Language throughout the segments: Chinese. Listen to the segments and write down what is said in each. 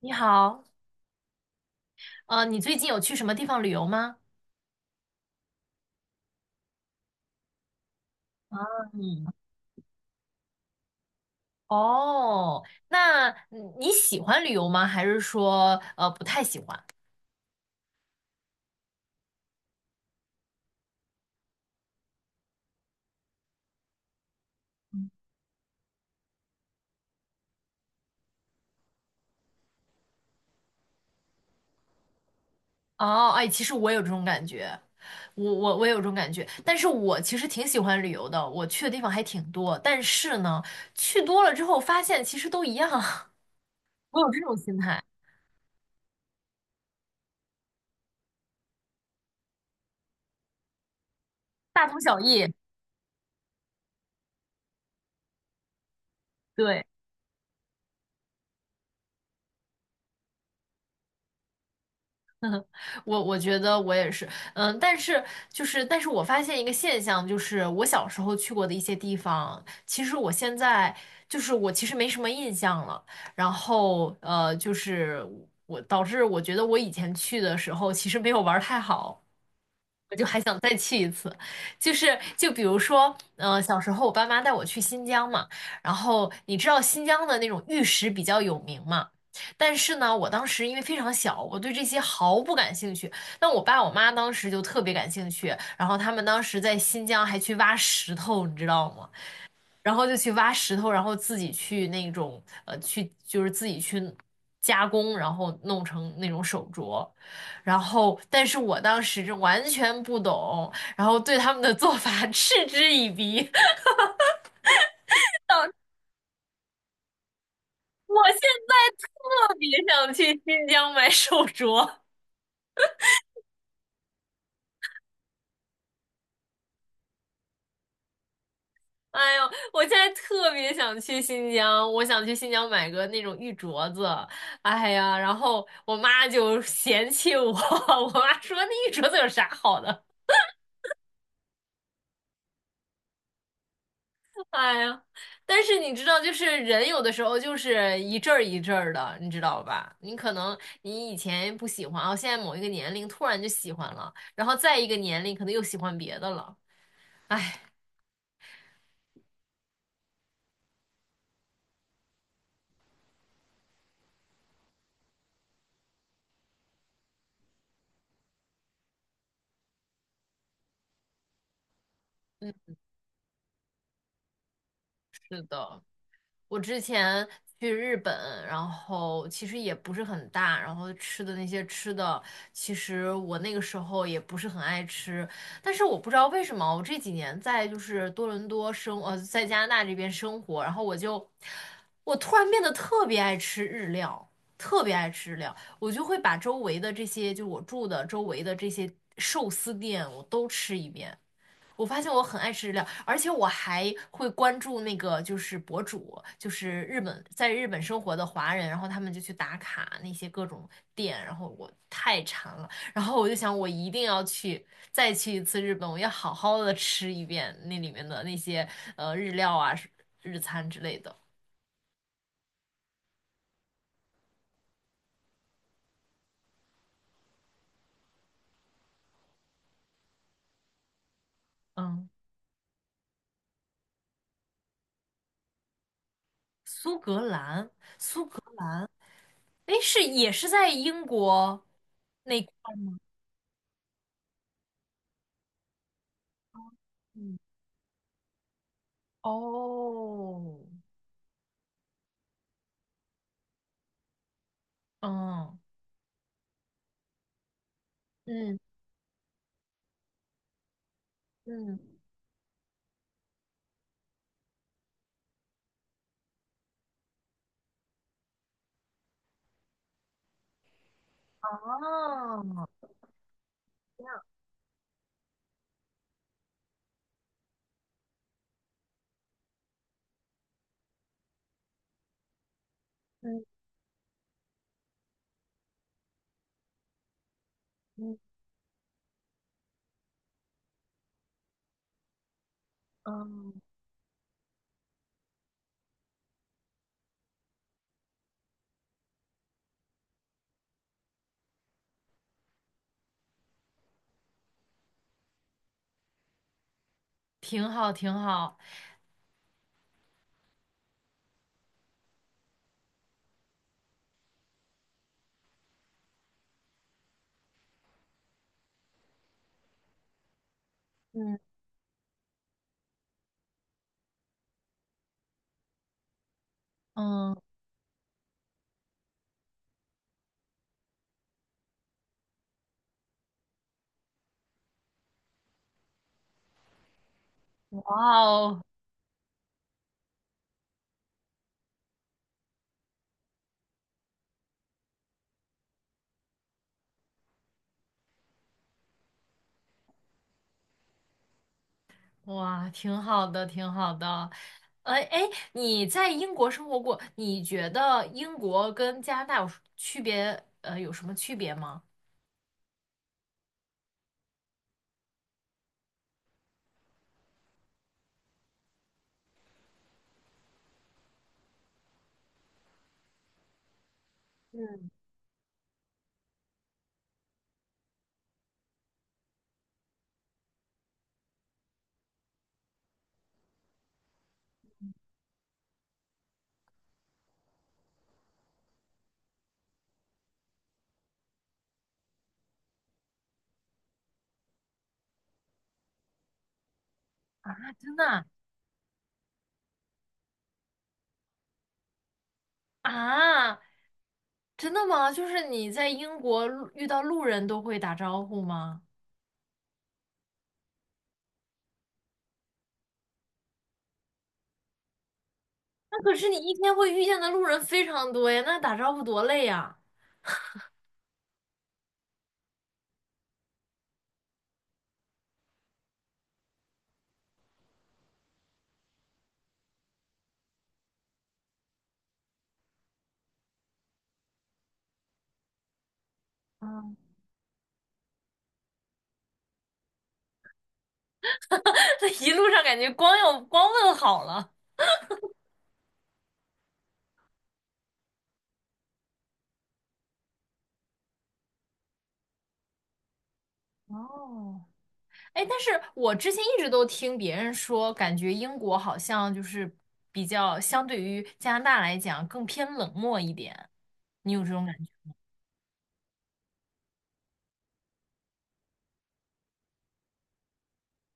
你好，你最近有去什么地方旅游吗？啊，嗯，哦，那你喜欢旅游吗？还是说不太喜欢？哦，哎，其实我有这种感觉，我有这种感觉，但是我其实挺喜欢旅游的，我去的地方还挺多，但是呢，去多了之后发现其实都一样，我有这种心态，大同小异。对。我我觉得我也是，嗯，但是就是，但是我发现一个现象，就是我小时候去过的一些地方，其实我现在就是我其实没什么印象了。然后就是我导致我觉得我以前去的时候其实没有玩儿太好。我就还想再去一次，就是就比如说，嗯、小时候我爸妈带我去新疆嘛，然后你知道新疆的那种玉石比较有名嘛，但是呢，我当时因为非常小，我对这些毫不感兴趣，但我爸我妈当时就特别感兴趣，然后他们当时在新疆还去挖石头，你知道吗？然后就去挖石头，然后自己去那种去就是自己去加工，然后弄成那种手镯。然后，但是我当时是完全不懂，然后对他们的做法 嗤之以鼻。我现在特别想去新疆买手镯，哎呦，我现在特别想去新疆，我想去新疆买个那种玉镯子。哎呀，然后我妈就嫌弃我，我妈说那玉镯子有啥好的？哎呀，但是你知道，就是人有的时候就是一阵儿一阵儿的，你知道吧？你可能你以前不喜欢，哦，现在某一个年龄突然就喜欢了，然后再一个年龄可能又喜欢别的了。哎，嗯，是的。我之前去日本，然后其实也不是很大，然后吃的那些吃的，其实我那个时候也不是很爱吃，但是我不知道为什么，我这几年在就是多伦多生，在加拿大这边生活，然后我就，我突然变得特别爱吃日料，特别爱吃日料，我就会把周围的这些，就我住的周围的这些寿司店，我都吃一遍。我发现我很爱吃日料，而且我还会关注那个就是博主，就是日本在日本生活的华人，然后他们就去打卡那些各种店，然后我太馋了，然后我就想我一定要去再去一次日本，我要好好的吃一遍那里面的那些日料啊、日餐之类的。嗯，苏格兰，苏格，哎是也是在英国那块儿吗？嗯，哦，嗯。嗯，嗯，哦，这样，嗯嗯嗯挺好，挺好。嗯，嗯，哇哦，哇，挺好的，挺好的。哎哎，你在英国生活过，你觉得英国跟加拿大有区别？有什么区别吗？嗯，啊，真的啊？啊真的吗？就是你在英国路遇到路人都会打招呼吗？那可是你一天会遇见的路人非常多呀，那打招呼多累呀！这一路上感觉光要光问好了。哦，哎，但是我之前一直都听别人说，感觉英国好像就是比较相对于加拿大来讲更偏冷漠一点，你有这种感觉？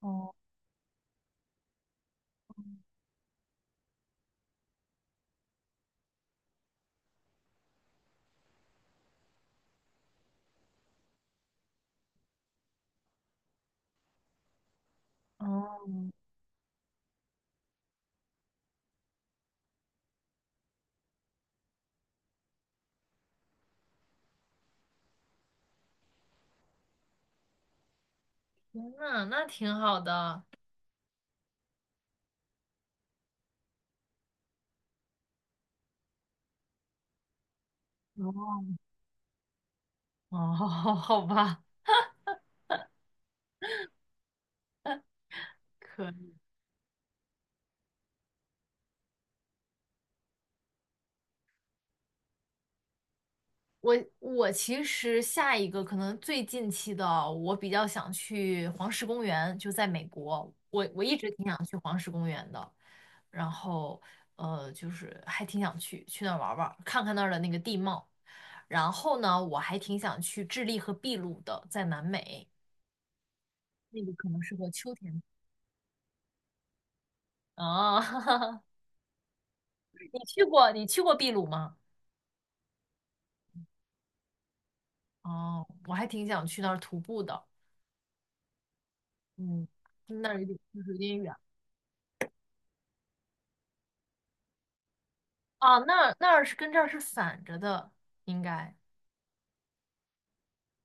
哦，哦，天呐，那挺好的。哦，哦，好吧，可我我其实下一个可能最近期的，我比较想去黄石公园，就在美国。我我一直挺想去黄石公园的，然后就是还挺想去去那儿玩儿玩儿看看那儿的那个地貌。然后呢，我还挺想去智利和秘鲁的，在南美，那个可能适合秋天啊。你去过你去过秘鲁吗？哦，我还挺想去那儿徒步的，嗯，那儿有点就是有点远。啊，那那儿是跟这儿是反着的，应该，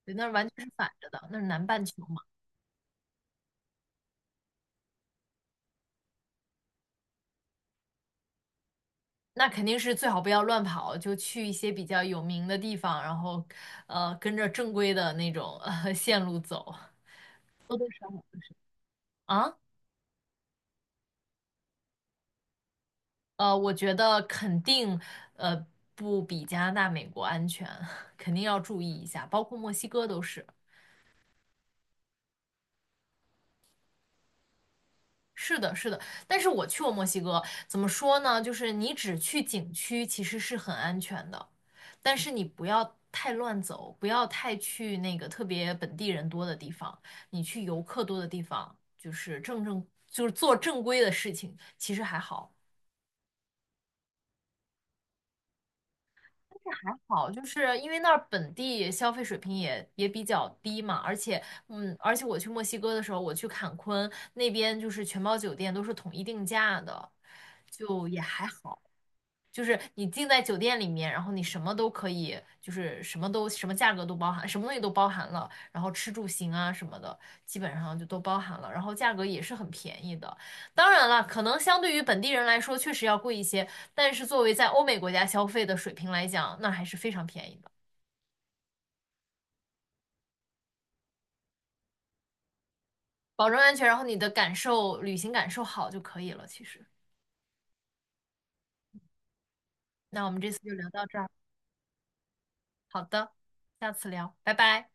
对，那儿完全是反着的，那是南半球嘛，那肯定是最好不要乱跑，就去一些比较有名的地方，然后，跟着正规的那种线路走啊，我觉得肯定，呃，不比加拿大、美国安全，肯定要注意一下，包括墨西哥都是。是的，是的，但是我去过墨西哥，怎么说呢？就是你只去景区其实是很安全的，但是你不要太乱走，不要太去那个特别本地人多的地方，你去游客多的地方，就是正正就是做正规的事情，其实还好。但是还好，就是因为那儿本地消费水平也也比较低嘛，而且，嗯，而且我去墨西哥的时候，我去坎昆那边，就是全包酒店都是统一定价的，就也还好。就是你进在酒店里面，然后你什么都可以，就是什么都什么价格都包含，什么东西都包含了，然后吃住行啊什么的，基本上就都包含了，然后价格也是很便宜的。当然了，可能相对于本地人来说确实要贵一些，但是作为在欧美国家消费的水平来讲，那还是非常便宜的，保证安全，然后你的感受，旅行感受好就可以了。其实，那我们这次就聊到这儿，好的，下次聊，拜拜。